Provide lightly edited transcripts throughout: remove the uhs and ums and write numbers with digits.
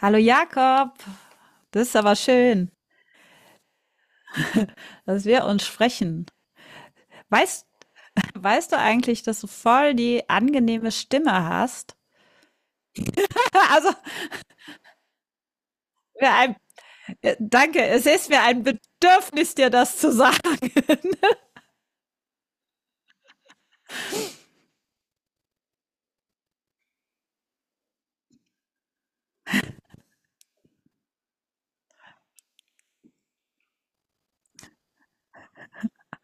Hallo Jakob, das ist aber schön, dass wir uns sprechen. Weißt, weißt du eigentlich, dass du voll die angenehme Stimme hast? Also, mir ein, danke, es ist mir ein Bedürfnis, dir das zu sagen.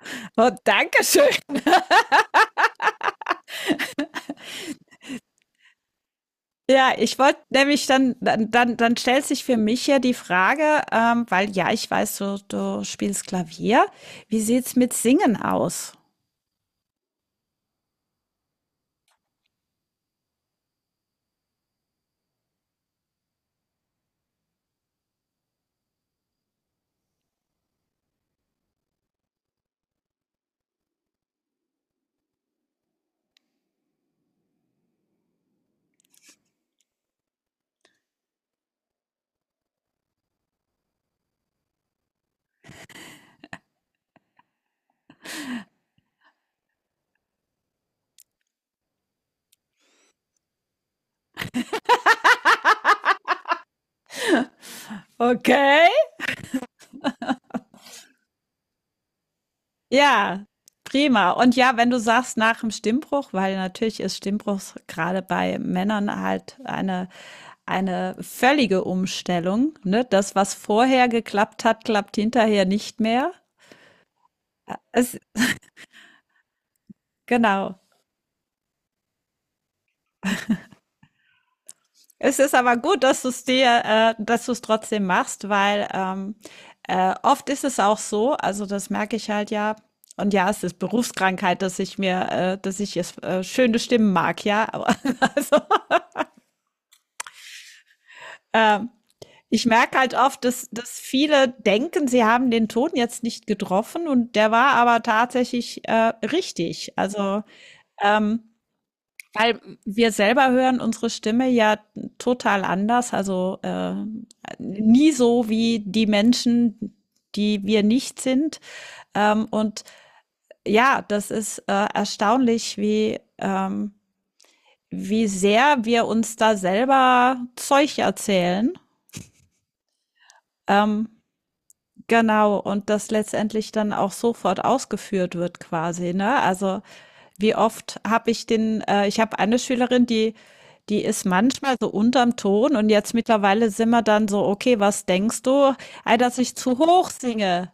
Und Dankeschön. Ja, ich wollte nämlich dann stellt sich für mich ja die Frage, weil ja, ich weiß, du spielst Klavier. Wie sieht's mit Singen aus? Okay. Ja, prima. Und ja, wenn du sagst nach dem Stimmbruch, weil natürlich ist Stimmbruch gerade bei Männern halt eine völlige Umstellung, ne? Das, was vorher geklappt hat, klappt hinterher nicht mehr. Es, genau. Es ist aber gut, dass du es dir, dass du es trotzdem machst, weil oft ist es auch so, also das merke ich halt ja, und ja, es ist Berufskrankheit, dass ich mir, dass ich es schöne Stimmen mag, ja, aber also, ähm, ich merke halt oft, dass viele denken, sie haben den Ton jetzt nicht getroffen und der war aber tatsächlich richtig. Also, ähm, weil wir selber hören unsere Stimme ja total anders, also nie so wie die Menschen, die wir nicht sind. Und ja, das ist erstaunlich, wie wie sehr wir uns da selber Zeug erzählen. Ähm, Genau, und das letztendlich dann auch sofort ausgeführt wird quasi, ne? Also, wie oft habe ich den ich habe eine Schülerin, die ist manchmal so unterm Ton und jetzt mittlerweile sind wir dann so: „Okay, was denkst du? Ah, dass ich zu hoch singe.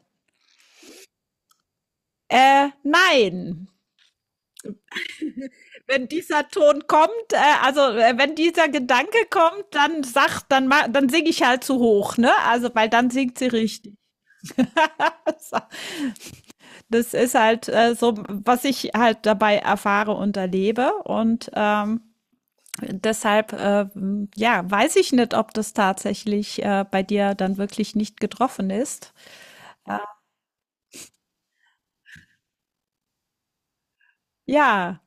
Nein. Wenn dieser Ton kommt, also, wenn dieser Gedanke kommt, dann sagt dann ma dann singe ich halt zu hoch, ne? Also, weil dann singt sie richtig. Das ist halt so, was ich halt dabei erfahre und erlebe. Und deshalb, ja, weiß ich nicht, ob das tatsächlich bei dir dann wirklich nicht getroffen ist. Ja, ja,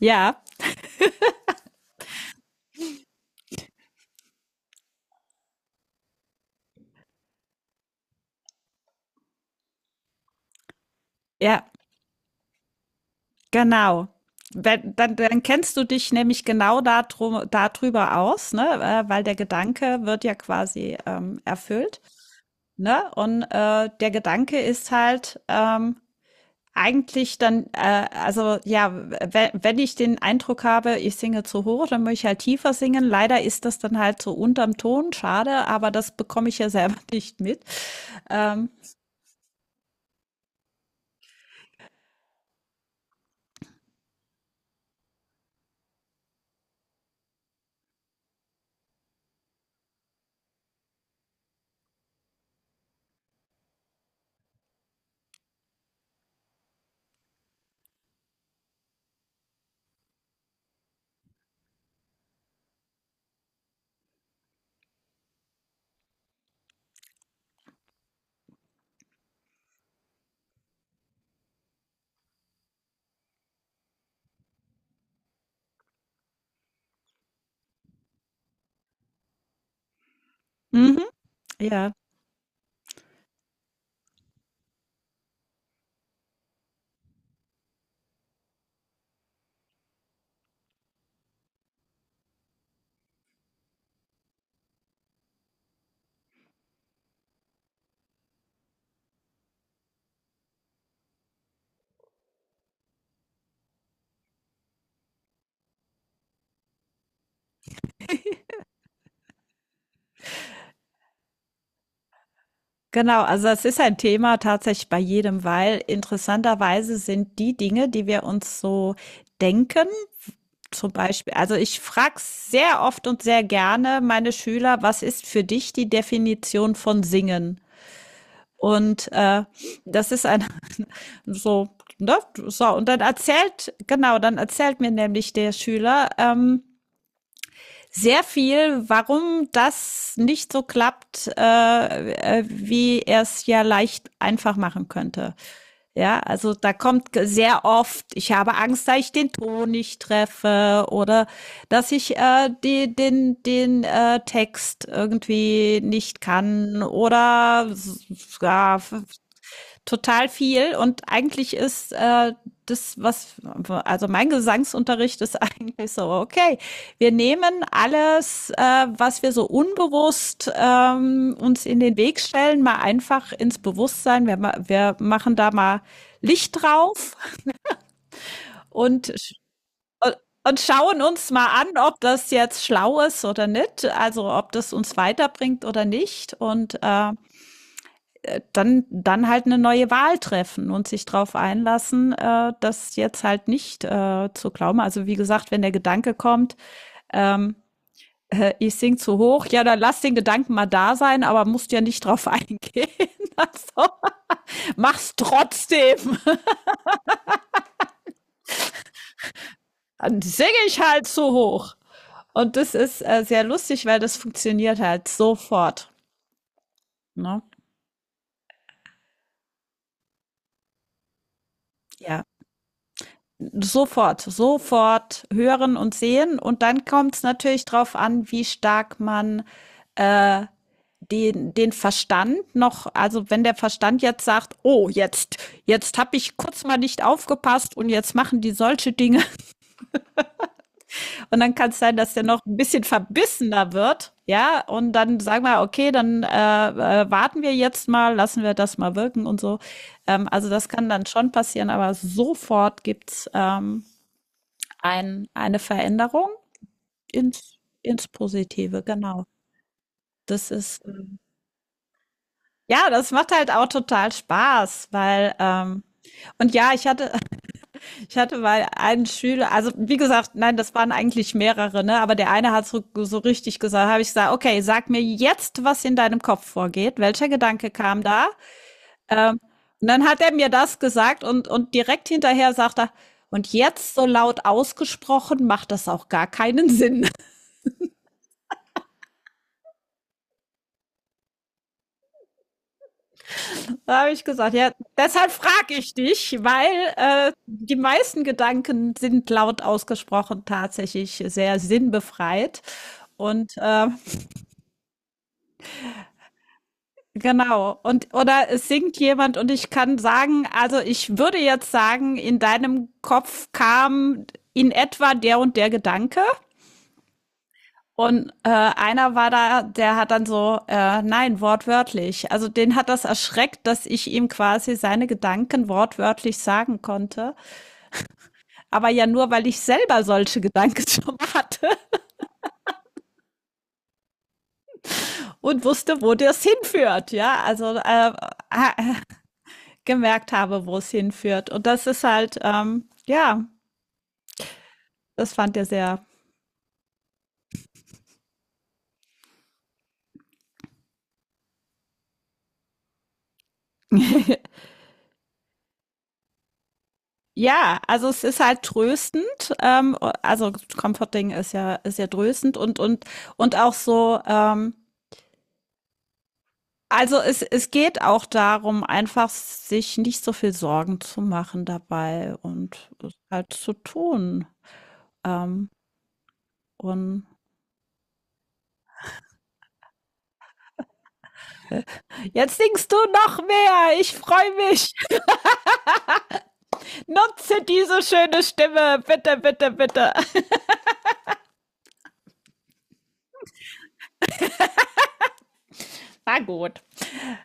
ja, ja, genau. Wenn, dann, dann kennst du dich nämlich genau darüber aus, ne? Weil der Gedanke wird ja quasi erfüllt. Ne? Und der Gedanke ist halt, eigentlich dann, also ja, wenn ich den Eindruck habe, ich singe zu hoch, dann möchte ich halt tiefer singen. Leider ist das dann halt so unterm Ton, schade, aber das bekomme ich ja selber nicht mit. Ähm, mhm, ja, genau. Also es ist ein Thema tatsächlich bei jedem, weil interessanterweise sind die Dinge, die wir uns so denken, zum Beispiel, also ich frage sehr oft und sehr gerne meine Schüler, was ist für dich die Definition von Singen? Und das ist ein so, ne? So, und dann erzählt, genau, dann erzählt mir nämlich der Schüler sehr viel, warum das nicht so klappt, wie er es ja leicht einfach machen könnte. Ja, also da kommt sehr oft, ich habe Angst, dass ich den Ton nicht treffe oder dass ich die, den Text irgendwie nicht kann oder ja, total viel und eigentlich ist das, was, also mein Gesangsunterricht ist eigentlich so, okay, wir nehmen alles, was wir so unbewusst uns in den Weg stellen, mal einfach ins Bewusstsein. Wir machen da mal Licht drauf und schauen uns mal an, ob das jetzt schlau ist oder nicht, also ob das uns weiterbringt oder nicht. Und dann halt eine neue Wahl treffen und sich darauf einlassen, das jetzt halt nicht zu glauben. Also wie gesagt, wenn der Gedanke kommt, ähm, ich sing zu hoch, ja, dann lass den Gedanken mal da sein, aber musst ja nicht drauf eingehen. Also, mach's trotzdem. Dann singe ich halt zu hoch. Und das ist sehr lustig, weil das funktioniert halt sofort. Ne? Ja sofort hören und sehen. Und dann kommt es natürlich darauf an, wie stark man den Verstand noch, also wenn der Verstand jetzt sagt, oh, jetzt habe ich kurz mal nicht aufgepasst und jetzt machen die solche Dinge und dann kann es sein, dass der noch ein bisschen verbissener wird. Ja, und dann sagen wir, okay, dann warten wir jetzt mal, lassen wir das mal wirken und so. Also das kann dann schon passieren, aber sofort gibt's eine Veränderung ins Positive, genau. Das ist ja, das macht halt auch total Spaß, weil und ja, ich hatte ich hatte mal einen Schüler, also wie gesagt, nein, das waren eigentlich mehrere, ne, aber der eine hat so richtig gesagt, habe ich gesagt, okay, sag mir jetzt, was in deinem Kopf vorgeht, welcher Gedanke kam da? Ähm, und dann hat er mir das gesagt und direkt hinterher sagt er, und jetzt so laut ausgesprochen macht das auch gar keinen Sinn. Da habe ich gesagt, ja, deshalb frage ich dich, weil die meisten Gedanken sind laut ausgesprochen tatsächlich sehr sinnbefreit. Und genau, und oder es singt jemand und ich kann sagen, also ich würde jetzt sagen, in deinem Kopf kam in etwa der und der Gedanke. Und einer war da, der hat dann so, nein, wortwörtlich. Also den hat das erschreckt, dass ich ihm quasi seine Gedanken wortwörtlich sagen konnte. Aber ja nur, weil ich selber solche Gedanken schon hatte und wusste, wo das hinführt, ja. Also äh, gemerkt habe, wo es hinführt. Und das ist halt, ja, das fand er sehr. Ja, also es ist halt tröstend. Also Comforting ist ja tröstend und und auch so. Also es geht auch darum, einfach sich nicht so viel Sorgen zu machen dabei und es halt zu tun. Ähm, und jetzt singst du noch mehr. Ich freue mich. Nutze diese schöne Stimme. Bitte, bitte, bitte.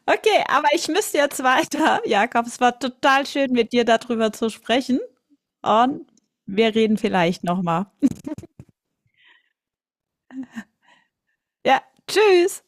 Okay, aber ich müsste jetzt weiter. Jakob, es war total schön, mit dir darüber zu sprechen. Und wir reden vielleicht nochmal. Ja, tschüss.